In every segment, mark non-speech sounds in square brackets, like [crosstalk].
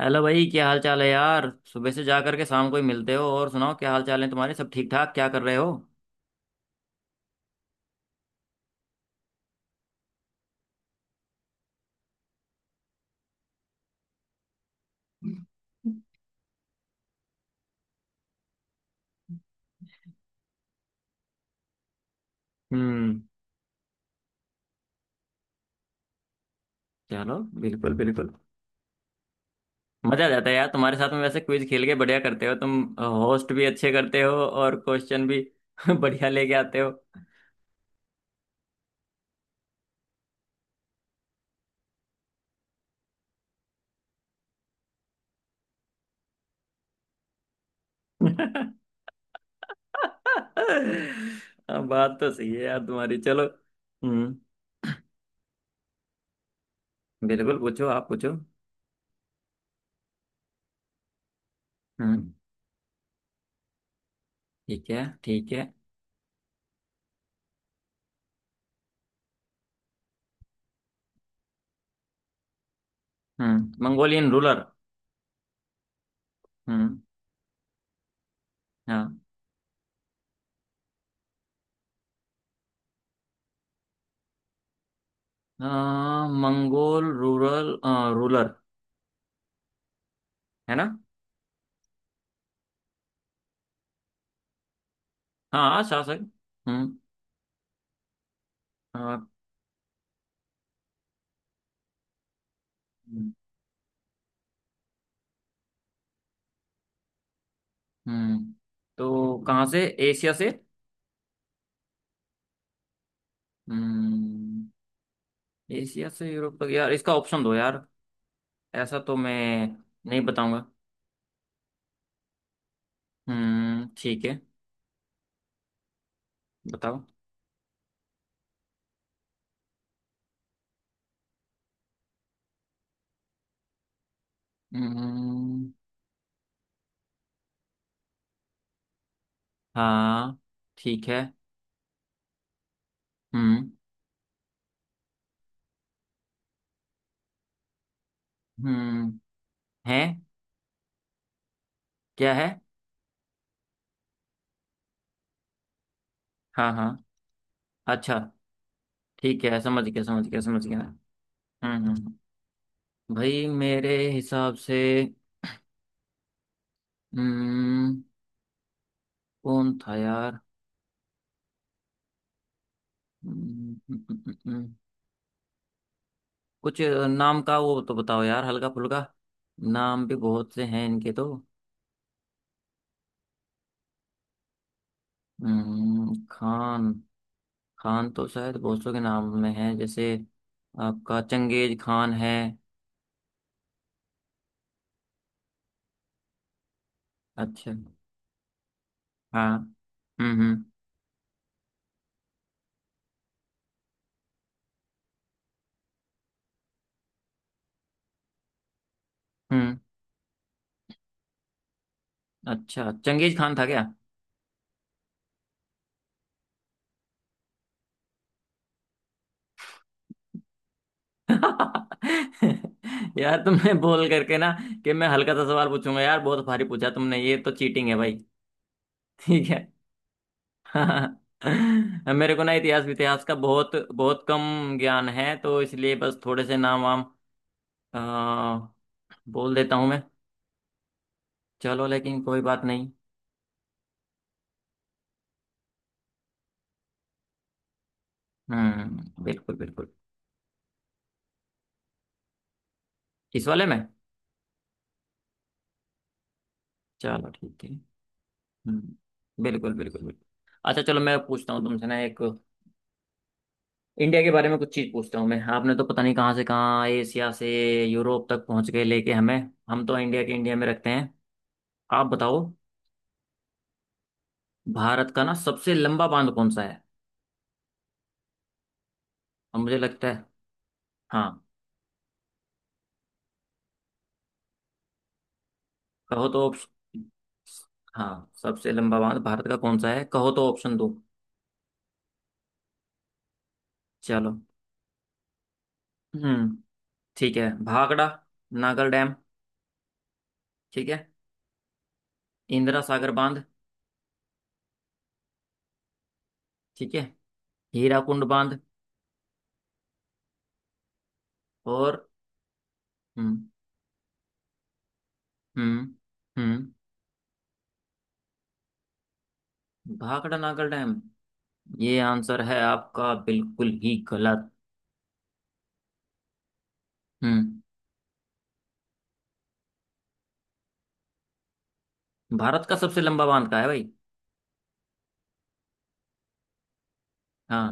Hello भाई, क्या हाल चाल है यार? सुबह से जा करके शाम को ही मिलते हो। और सुनाओ, क्या हाल चाल है तुम्हारे? सब ठीक ठाक? क्या कर रहे हो? हम्म। चलो। बिल्कुल बिल्कुल। मजा आ जाता है यार तुम्हारे साथ में। वैसे क्विज खेल के बढ़िया करते हो तुम। होस्ट भी अच्छे करते हो और क्वेश्चन भी [laughs] बढ़िया लेके आते हो। [laughs] हाँ, बात तो सही है यार तुम्हारी। चलो। हम्म। बिल्कुल पूछो, आप पूछो। हम्म। ठीक है, ठीक है। हम्म, मंगोलियन रूलर। हम्म। हाँ। मंगोल रूरल, रूलर, है ना? हाँ, शासक। हम्म। आ, हम्म। तो कहाँ से? एशिया से? हम्म। एशिया से यूरोप तक यार, इसका ऑप्शन दो यार। ऐसा तो मैं नहीं बताऊंगा। हम्म, ठीक है। बताओ। हम्म। हाँ। ठीक है। हम्म। हम्म। है? क्या है? हाँ, हाँ। अच्छा। ठीक है, समझ गया, समझ गया, समझ गया। हम्म। हम्म। हम्म। भाई मेरे हिसाब से हम्म कौन था यार? हम्म, हम्म, हम्म, हम्म। कुछ नाम का वो तो बताओ यार, हल्का फुल्का। नाम भी बहुत से हैं इनके तो। खान। खान तो शायद बहुत सौ के नाम में है, जैसे आपका चंगेज खान है। अच्छा। हाँ। हम्म। हम्म। हम्म। अच्छा, चंगेज खान था क्या? [laughs] यार, तुमने बोल करके ना कि मैं हल्का सा सवाल पूछूंगा यार, बहुत भारी पूछा तुमने। ये तो चीटिंग है भाई। [laughs] ठीक। [laughs] मेरे को ना इतिहास, इतिहास का बहुत बहुत कम ज्ञान है, तो इसलिए बस थोड़े से नाम वाम अ, बोल देता हूँ मैं। चलो, लेकिन कोई बात नहीं। हम्म, बिल्कुल बिल्कुल। इस वाले में। चलो, ठीक है। हम्म, बिल्कुल बिल्कुल बिल्कुल। अच्छा, चलो, मैं पूछता हूँ तुमसे ना एक। इंडिया के बारे में कुछ चीज़ पूछता हूँ मैं। आपने तो पता नहीं कहाँ से कहाँ, एशिया से यूरोप तक पहुँच गए लेके हमें। हम तो इंडिया के, इंडिया में रखते हैं। आप बताओ, भारत का ना सबसे लंबा बांध कौन सा है? और मुझे लगता है। हाँ, कहो तो ऑप्शन। हाँ, सबसे लंबा बांध भारत का कौन सा है, कहो तो ऑप्शन दो। चलो। हम्म। ठीक है, भाखड़ा नागल डैम। ठीक है, इंदिरा सागर बांध। ठीक है, हीराकुंड बांध। और हम्म। हम्म। हम्म। भाखड़ा नागल डैम, ये आंसर है आपका? बिल्कुल ही गलत। हम्म। भारत का सबसे लंबा बांध का है भाई। हाँ।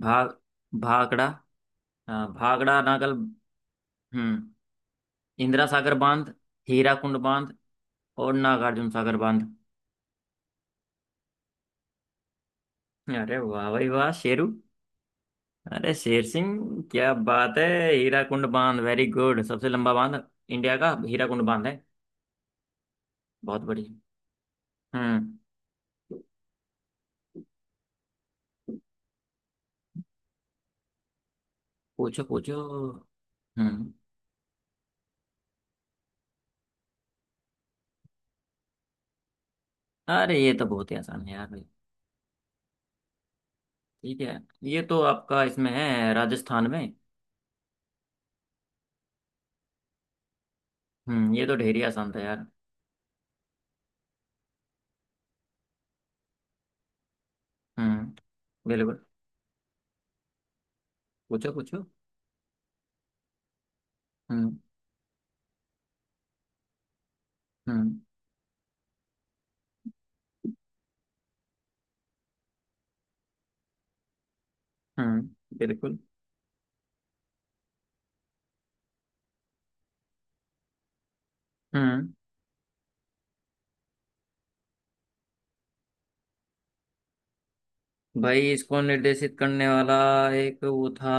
भाग भाखड़ा, हाँ भाखड़ा नागल। हम्म, इंदिरा सागर बांध, हीराकुंड बांध और नागार्जुन सागर बांध। अरे वाह भाई वाह, शेरू! अरे शेर सिंह, क्या बात है! हीराकुंड बांध, वेरी गुड। सबसे लंबा बांध इंडिया का हीराकुंड बांध है। बहुत बढ़िया। हम्म। पूछो, पूछो। हम्म। अरे, ये तो बहुत ही आसान है यार भाई। ठीक है, ये तो आपका इसमें है, राजस्थान में। हम्म, ये तो ढेर ही आसान था यार। हम्म, बिल्कुल। पूछो, पूछो। हम्म। हम्म। हम्म, बिल्कुल। हम्म। भाई, इसको निर्देशित करने वाला एक वो था,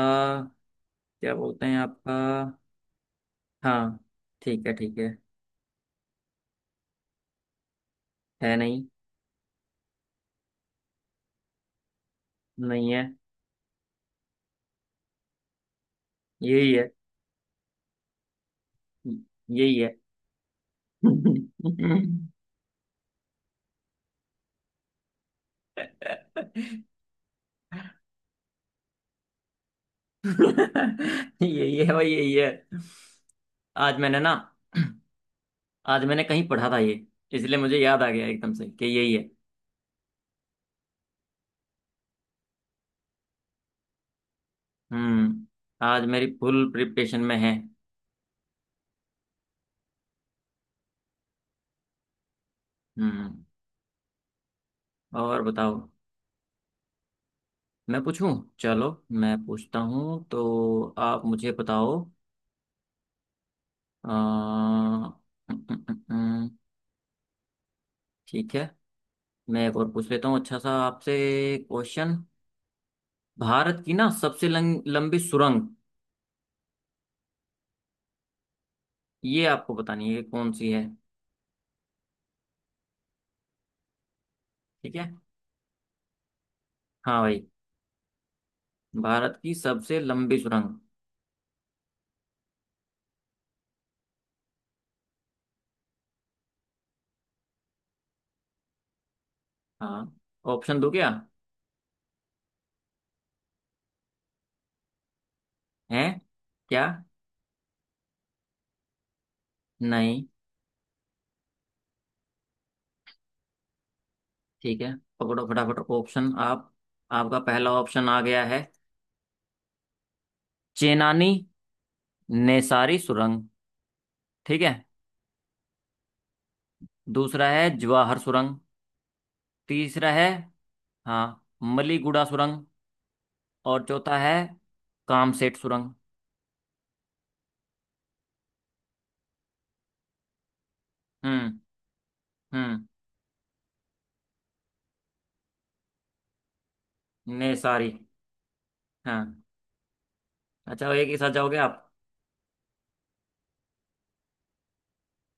क्या बोलते हैं आपका। हाँ। ठीक है, ठीक है। है नहीं। नहीं है। यही है। यही है। यही है भाई, यही है। आज मैंने ना, आज मैंने कहीं पढ़ा था ये, इसलिए मुझे याद आ गया एकदम से कि यही है। हम्म। आज मेरी फुल प्रिपरेशन में है। हम्म। और बताओ। मैं पूछूं? चलो, मैं पूछता हूँ तो आप मुझे बताओ। अ, अम, अम, अम, अम, ठीक है, मैं एक और पूछ लेता हूँ अच्छा सा आपसे क्वेश्चन। भारत की ना सबसे लंबी सुरंग, ये आपको बतानी है कि कौन सी है। ठीक है। हाँ भाई, भारत की सबसे लंबी सुरंग। हाँ, ऑप्शन दो क्या? है। क्या? नहीं। ठीक है, पकड़ो फटाफट ऑप्शन आप। आपका पहला ऑप्शन आ गया है, चेनानी नेसारी सुरंग। ठीक है। दूसरा है जवाहर सुरंग। तीसरा है, हाँ, मलीगुड़ा सुरंग। और चौथा है कामसेट सुरंग। हम्म। हम्म, ने सारी। हाँ। अच्छा, एक ही साथ जाओगे आप?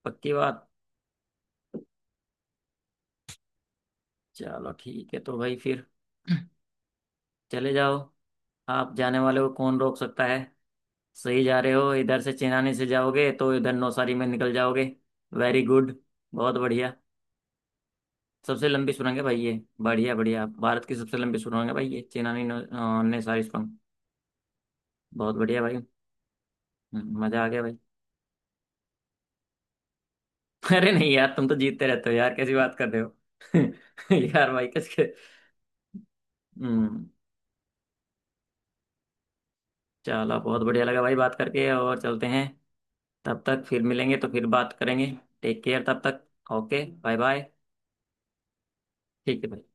पक्की बात। चलो ठीक है, तो भाई फिर चले जाओ। आप जाने वाले को कौन रोक सकता है। सही जा रहे हो, इधर से चेनानी से जाओगे तो इधर नौसारी में निकल जाओगे। Very good. बहुत बढ़िया। सबसे लंबी सुरंग है भाई ये। बढ़िया बढ़िया, भारत की सबसे लंबी सुरंग है भाई ये चेनानी ने सारी सुरंग। बहुत बढ़िया भाई। मजा आ गया भाई। [laughs] अरे नहीं यार, तुम तो जीतते रहते हो यार, कैसी बात कर रहे हो? [laughs] यार भाई, कैसे। हम्म। चलो, बहुत बढ़िया लगा भाई बात करके। और चलते हैं, तब तक फिर मिलेंगे तो फिर बात करेंगे। टेक केयर तब तक। Okay, bye bye. ठीक है भाई।